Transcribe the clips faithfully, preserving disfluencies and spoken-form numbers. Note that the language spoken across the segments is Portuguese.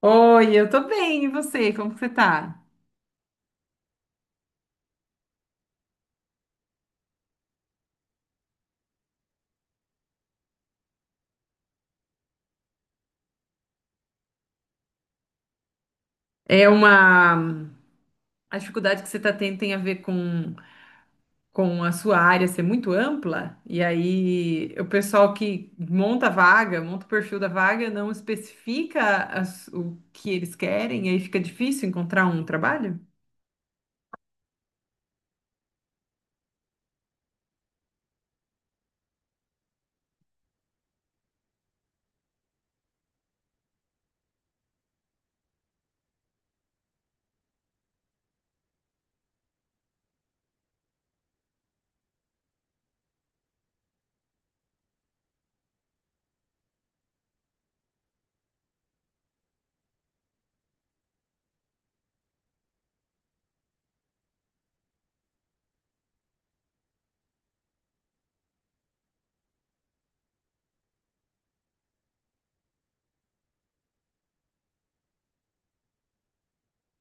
Oi, eu tô bem, e você? Como que você tá? É uma... A dificuldade que você tá tendo tem a ver com com a sua área ser muito ampla, e aí o pessoal que monta a vaga, monta o perfil da vaga, não especifica as- o que eles querem, e aí fica difícil encontrar um trabalho?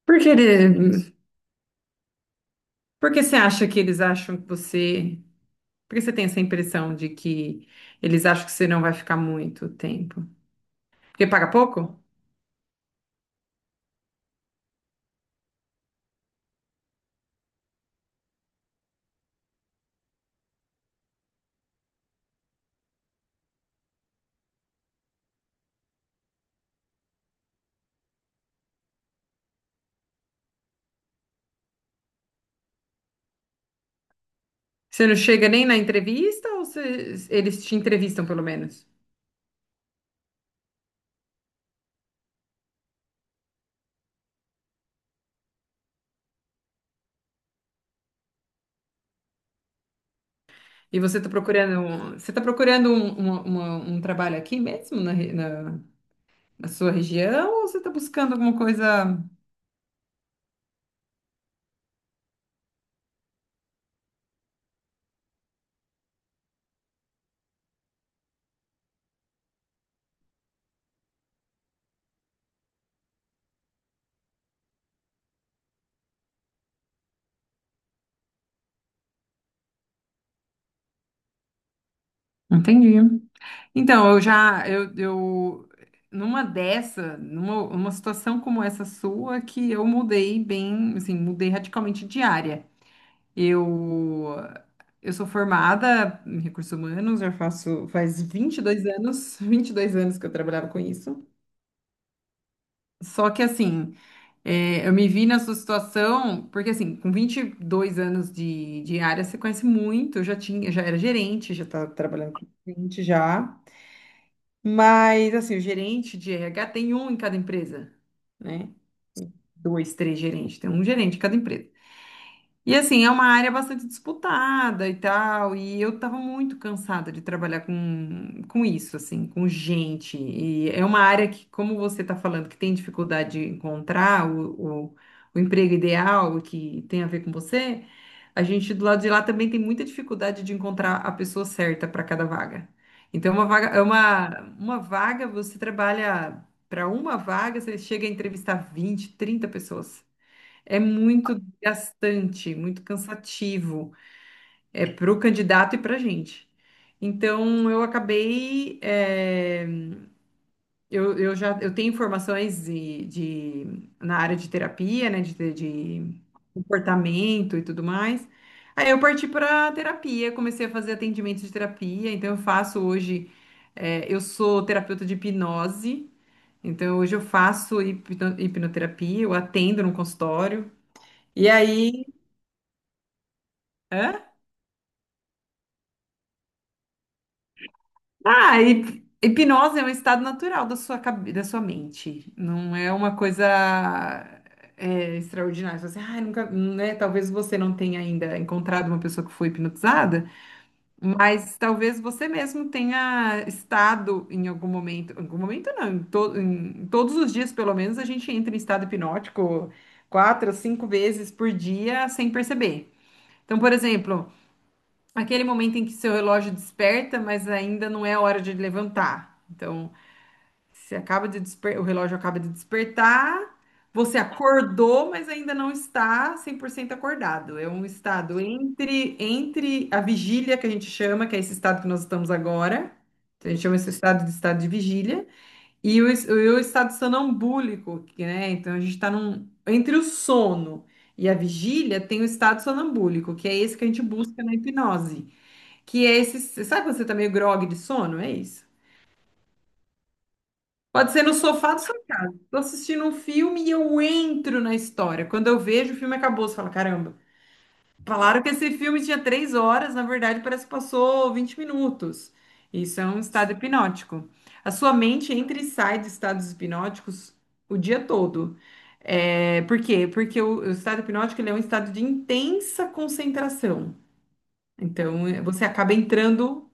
Por que ele... Por que você acha que eles acham que você... Por que você tem essa impressão de que eles acham que você não vai ficar muito tempo? Porque paga pouco? Você não chega nem na entrevista ou você- eles te entrevistam pelo menos? E você está procurando, um- você está procurando um, um- uma- um trabalho aqui mesmo na, re- na- na sua região ou você está buscando alguma coisa? Entendi. Então, eu já, eu, eu numa dessa, numa, numa situação como essa sua, que eu mudei bem, assim, mudei radicalmente de área. Eu, eu sou formada em recursos humanos, eu faço faz vinte e dois anos, vinte e dois anos que eu trabalhava com isso. Só que assim, é, eu me vi nessa situação, porque assim, com vinte e dois anos de, de área, você conhece muito, eu já tinha, já era gerente, já estava trabalhando com gerente já. Mas assim, o gerente de R H tem um em cada empresa, né? Dois, três gerentes, tem um gerente em cada empresa. E assim, é uma área bastante disputada e tal, e eu tava muito cansada de trabalhar com, com isso, assim, com gente. E é uma área que, como você tá falando, que tem dificuldade de encontrar o, o, o emprego ideal que tem a ver com você, a gente do lado de lá também tem muita dificuldade de encontrar a pessoa certa para cada vaga. Então, uma vaga, é uma, uma vaga, você trabalha para uma vaga, você chega a entrevistar vinte trinta pessoas. É muito desgastante, muito cansativo, é para o candidato e para a gente. Então, eu acabei, eh, eu, eu já eu tenho informações de, de- na área de terapia, né, de, de comportamento e tudo mais. Aí eu parti para terapia, comecei a fazer atendimento de terapia. Então, eu faço hoje, eh, eu sou terapeuta de hipnose. Então, hoje eu faço hipno- hipnoterapia, eu atendo no consultório. E aí, Hã? Ah, hip- hipnose é um estado natural da sua, cabe- da sua mente. Não é uma coisa é, extraordinária. Você, ah, nunca, né? Talvez você não tenha ainda encontrado uma pessoa que foi hipnotizada, mas talvez você mesmo tenha estado em algum momento, em algum momento não, em, to- em todos os dias, pelo menos, a gente entra em estado hipnótico quatro, cinco vezes por dia sem perceber. Então, por exemplo. Aquele momento em que seu relógio desperta, mas ainda não é a hora de levantar. Então, você acaba de desper... o relógio acaba de despertar, você acordou, mas ainda não está cem por cento acordado. É um estado entre entre a vigília que a gente chama, que é esse estado que nós estamos agora. Então, a gente chama esse estado de estado de vigília, e o, es- o estado sonambúlico, que, né? Então, a gente está num entre o sono e a vigília tem o estado sonambúlico, que é esse que a gente busca na hipnose. Que é esse. Sabe quando você tá meio grogue de sono? É isso. Pode ser no sofá do seu casa. Tô assistindo um filme e eu entro na história. Quando eu vejo, o filme acabou. Você fala, caramba, falaram que esse filme tinha três horas, na verdade parece que passou vinte minutos. Isso é um estado hipnótico. A sua mente entra e sai de estados hipnóticos o dia todo. É, por quê? Porque o, o estado hipnótico ele é um estado de intensa concentração. Então, eh, você acaba entrando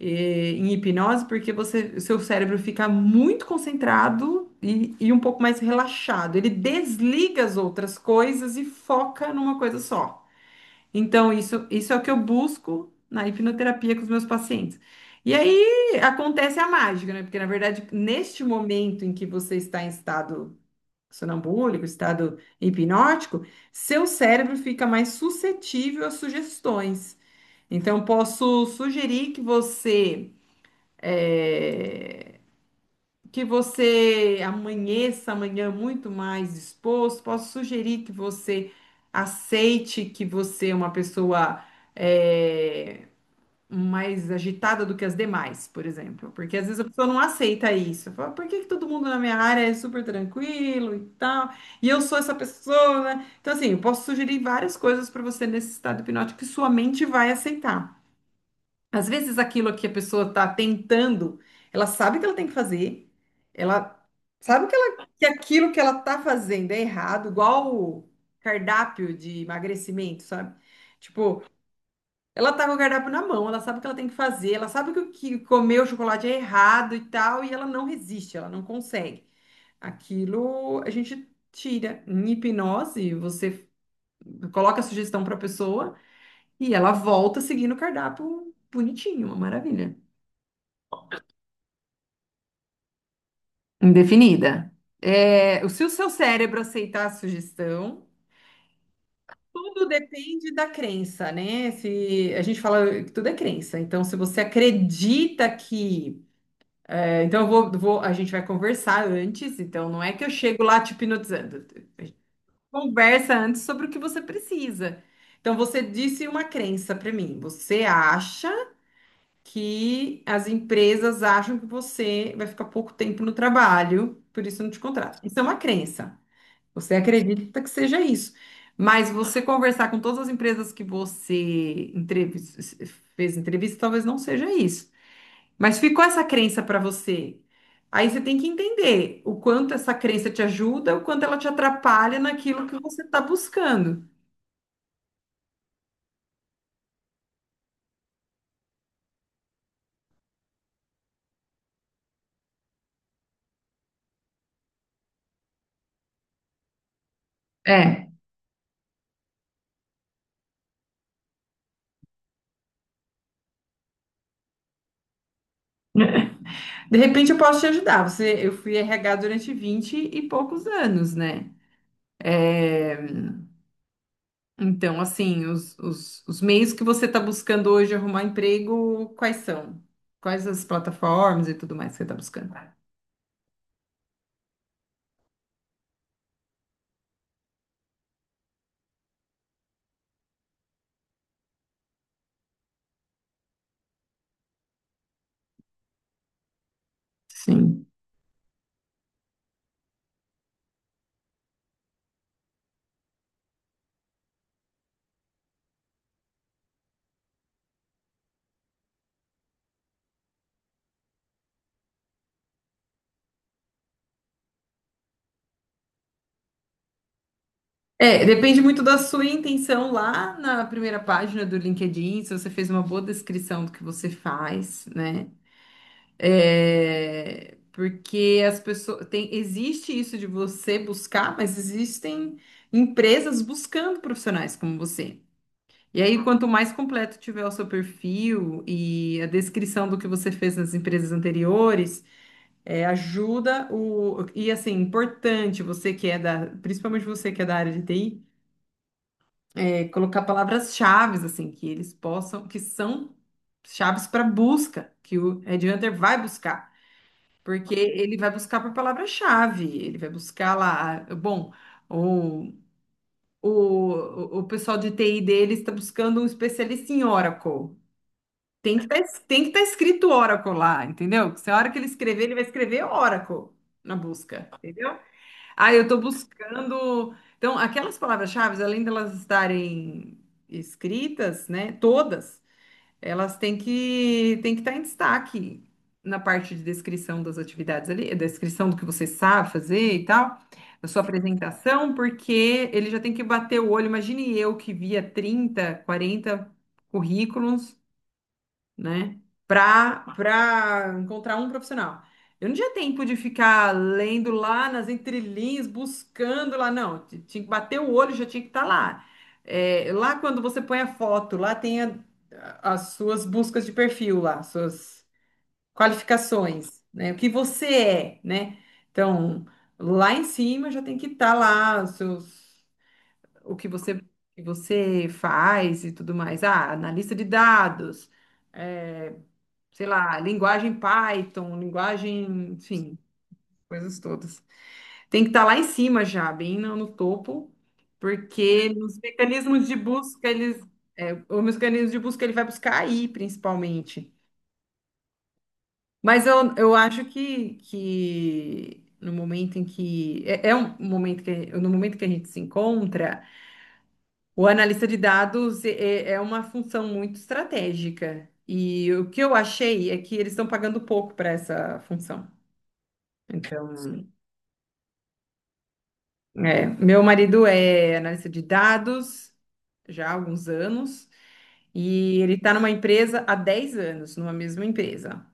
eh, em hipnose, porque você, o seu cérebro fica muito concentrado e, e um pouco mais relaxado. Ele desliga as outras coisas e foca numa coisa só. Então, isso, isso é o que eu busco na hipnoterapia com os meus pacientes. E aí acontece a mágica, né? Porque, na verdade, neste momento em que você está em estado sonambúlico, estado hipnótico, seu cérebro fica mais suscetível a sugestões. Então, posso sugerir que você é, que você amanheça amanhã muito mais disposto. Posso sugerir que você aceite que você é uma pessoa é, mais agitada do que as demais, por exemplo, porque às vezes a pessoa não aceita isso. Fala, por que que todo mundo na minha área é super tranquilo e tal, e eu sou essa pessoa, né? Então, assim, eu posso sugerir várias coisas para você nesse estado hipnótico que sua mente vai aceitar. Às vezes aquilo que a pessoa está tentando, ela sabe que ela tem que fazer, ela sabe que, ela, que aquilo que ela está fazendo é errado, igual o cardápio de emagrecimento, sabe? Tipo, ela tá com o cardápio na mão, ela sabe o que ela tem que fazer, ela sabe que, o que comer o chocolate é errado e tal, e ela não resiste, ela não consegue. Aquilo a gente tira. Em hipnose, você coloca a sugestão para a pessoa e ela volta seguindo o cardápio bonitinho, uma maravilha. Indefinida. É, se o seu cérebro aceitar a sugestão, tudo depende da crença, né? Se a gente fala que tudo é crença, então se você acredita que, é, então eu vou, vou- a gente vai conversar antes, então não é que eu chego lá te hipnotizando. A gente conversa antes sobre o que você precisa. Então você disse uma crença para mim. Você acha que as empresas acham que você vai ficar pouco tempo no trabalho, por isso não te contratam. Isso é uma crença. Você acredita que seja isso. Mas você conversar com todas as empresas que você entrevis- fez entrevista, talvez não seja isso. Mas ficou essa crença para você. Aí você tem que entender o quanto essa crença te ajuda, o quanto ela te atrapalha naquilo que você está buscando. É. De repente eu posso te ajudar. Você, eu fui R H durante vinte e poucos anos, né? É, Então, assim, os, os, os meios que você está buscando hoje arrumar emprego, quais são? Quais as plataformas e tudo mais que você está buscando? Sim. É, depende muito da sua intenção lá na primeira página do LinkedIn, se você fez uma boa descrição do que você faz, né? É, porque as pessoas tem, existe isso de você buscar, mas existem empresas buscando profissionais como você. E aí, quanto mais completo tiver o seu perfil e a descrição do que você fez nas empresas anteriores, é, ajuda o. E assim, importante você que é da, principalmente você que é da área de T I, é, colocar palavras-chaves assim, que eles possam, que são chaves para busca, que o headhunter vai buscar. Porque ele vai buscar por palavra-chave, ele vai buscar lá, bom, o, o, o pessoal de T I deles está buscando um especialista em Oracle. Tem que estar escrito Oracle lá, entendeu? Se a hora que ele escrever, ele vai escrever Oracle na busca, entendeu? Ah, eu estou buscando. Então, aquelas palavras-chave, além de elas estarem escritas, né, todas, elas têm que têm que estar em destaque na parte de descrição das atividades ali, a descrição do que você sabe fazer e tal, a sua apresentação, porque ele já tem que bater o olho. Imagine eu que via trinta quarenta currículos né? Para para encontrar um profissional. Eu não tinha tempo de ficar lendo lá nas entrelinhas, buscando lá, não. T- Tinha que bater o olho, já tinha que estar lá. É, lá quando você põe a foto, lá tem a- a- as suas buscas de perfil lá, suas qualificações, né? O que você é, né? Então, lá em cima já tem que estar lá os seus, o que você, o que você faz e tudo mais. Ah, analista de dados é, sei lá, linguagem Python, linguagem, enfim, coisas todas. Tem que estar lá em cima já, bem no, no topo, porque nos mecanismos de busca, eles, é, o mecanismo de busca ele vai buscar aí, principalmente. Mas eu, eu acho que, que no momento em que é, é um momento que no momento que a gente se encontra, o analista de dados é, é uma função muito estratégica. E o que eu achei é que eles estão pagando pouco para essa função. Então, é, meu marido é analista de dados já há alguns anos e ele está numa empresa há dez anos, numa mesma empresa.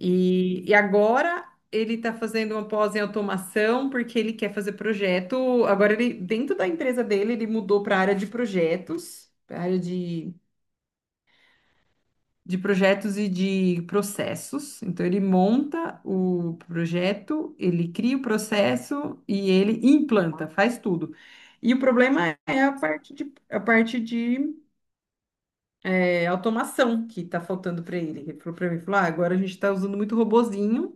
E, e agora ele está fazendo uma pós em automação porque ele quer fazer projeto. Agora ele, dentro da empresa dele, ele mudou para a área de projetos, para a área de de projetos e de processos. Então, ele monta o projeto, ele cria o processo e ele implanta, faz tudo. E o problema é a parte de, a parte de é, automação que está faltando para ele. Ele falou para mim, falou, ah, agora a gente está usando muito robozinho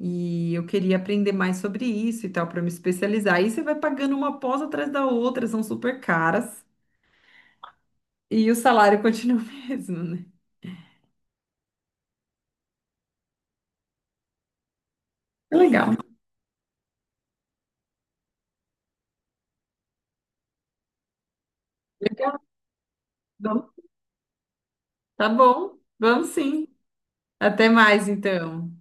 e eu queria aprender mais sobre isso e tal, para me especializar. Aí você vai pagando uma pós atrás da outra, são super caras e o salário continua o mesmo, né? É legal. Legal. Tá bom, vamos sim. Até mais, então.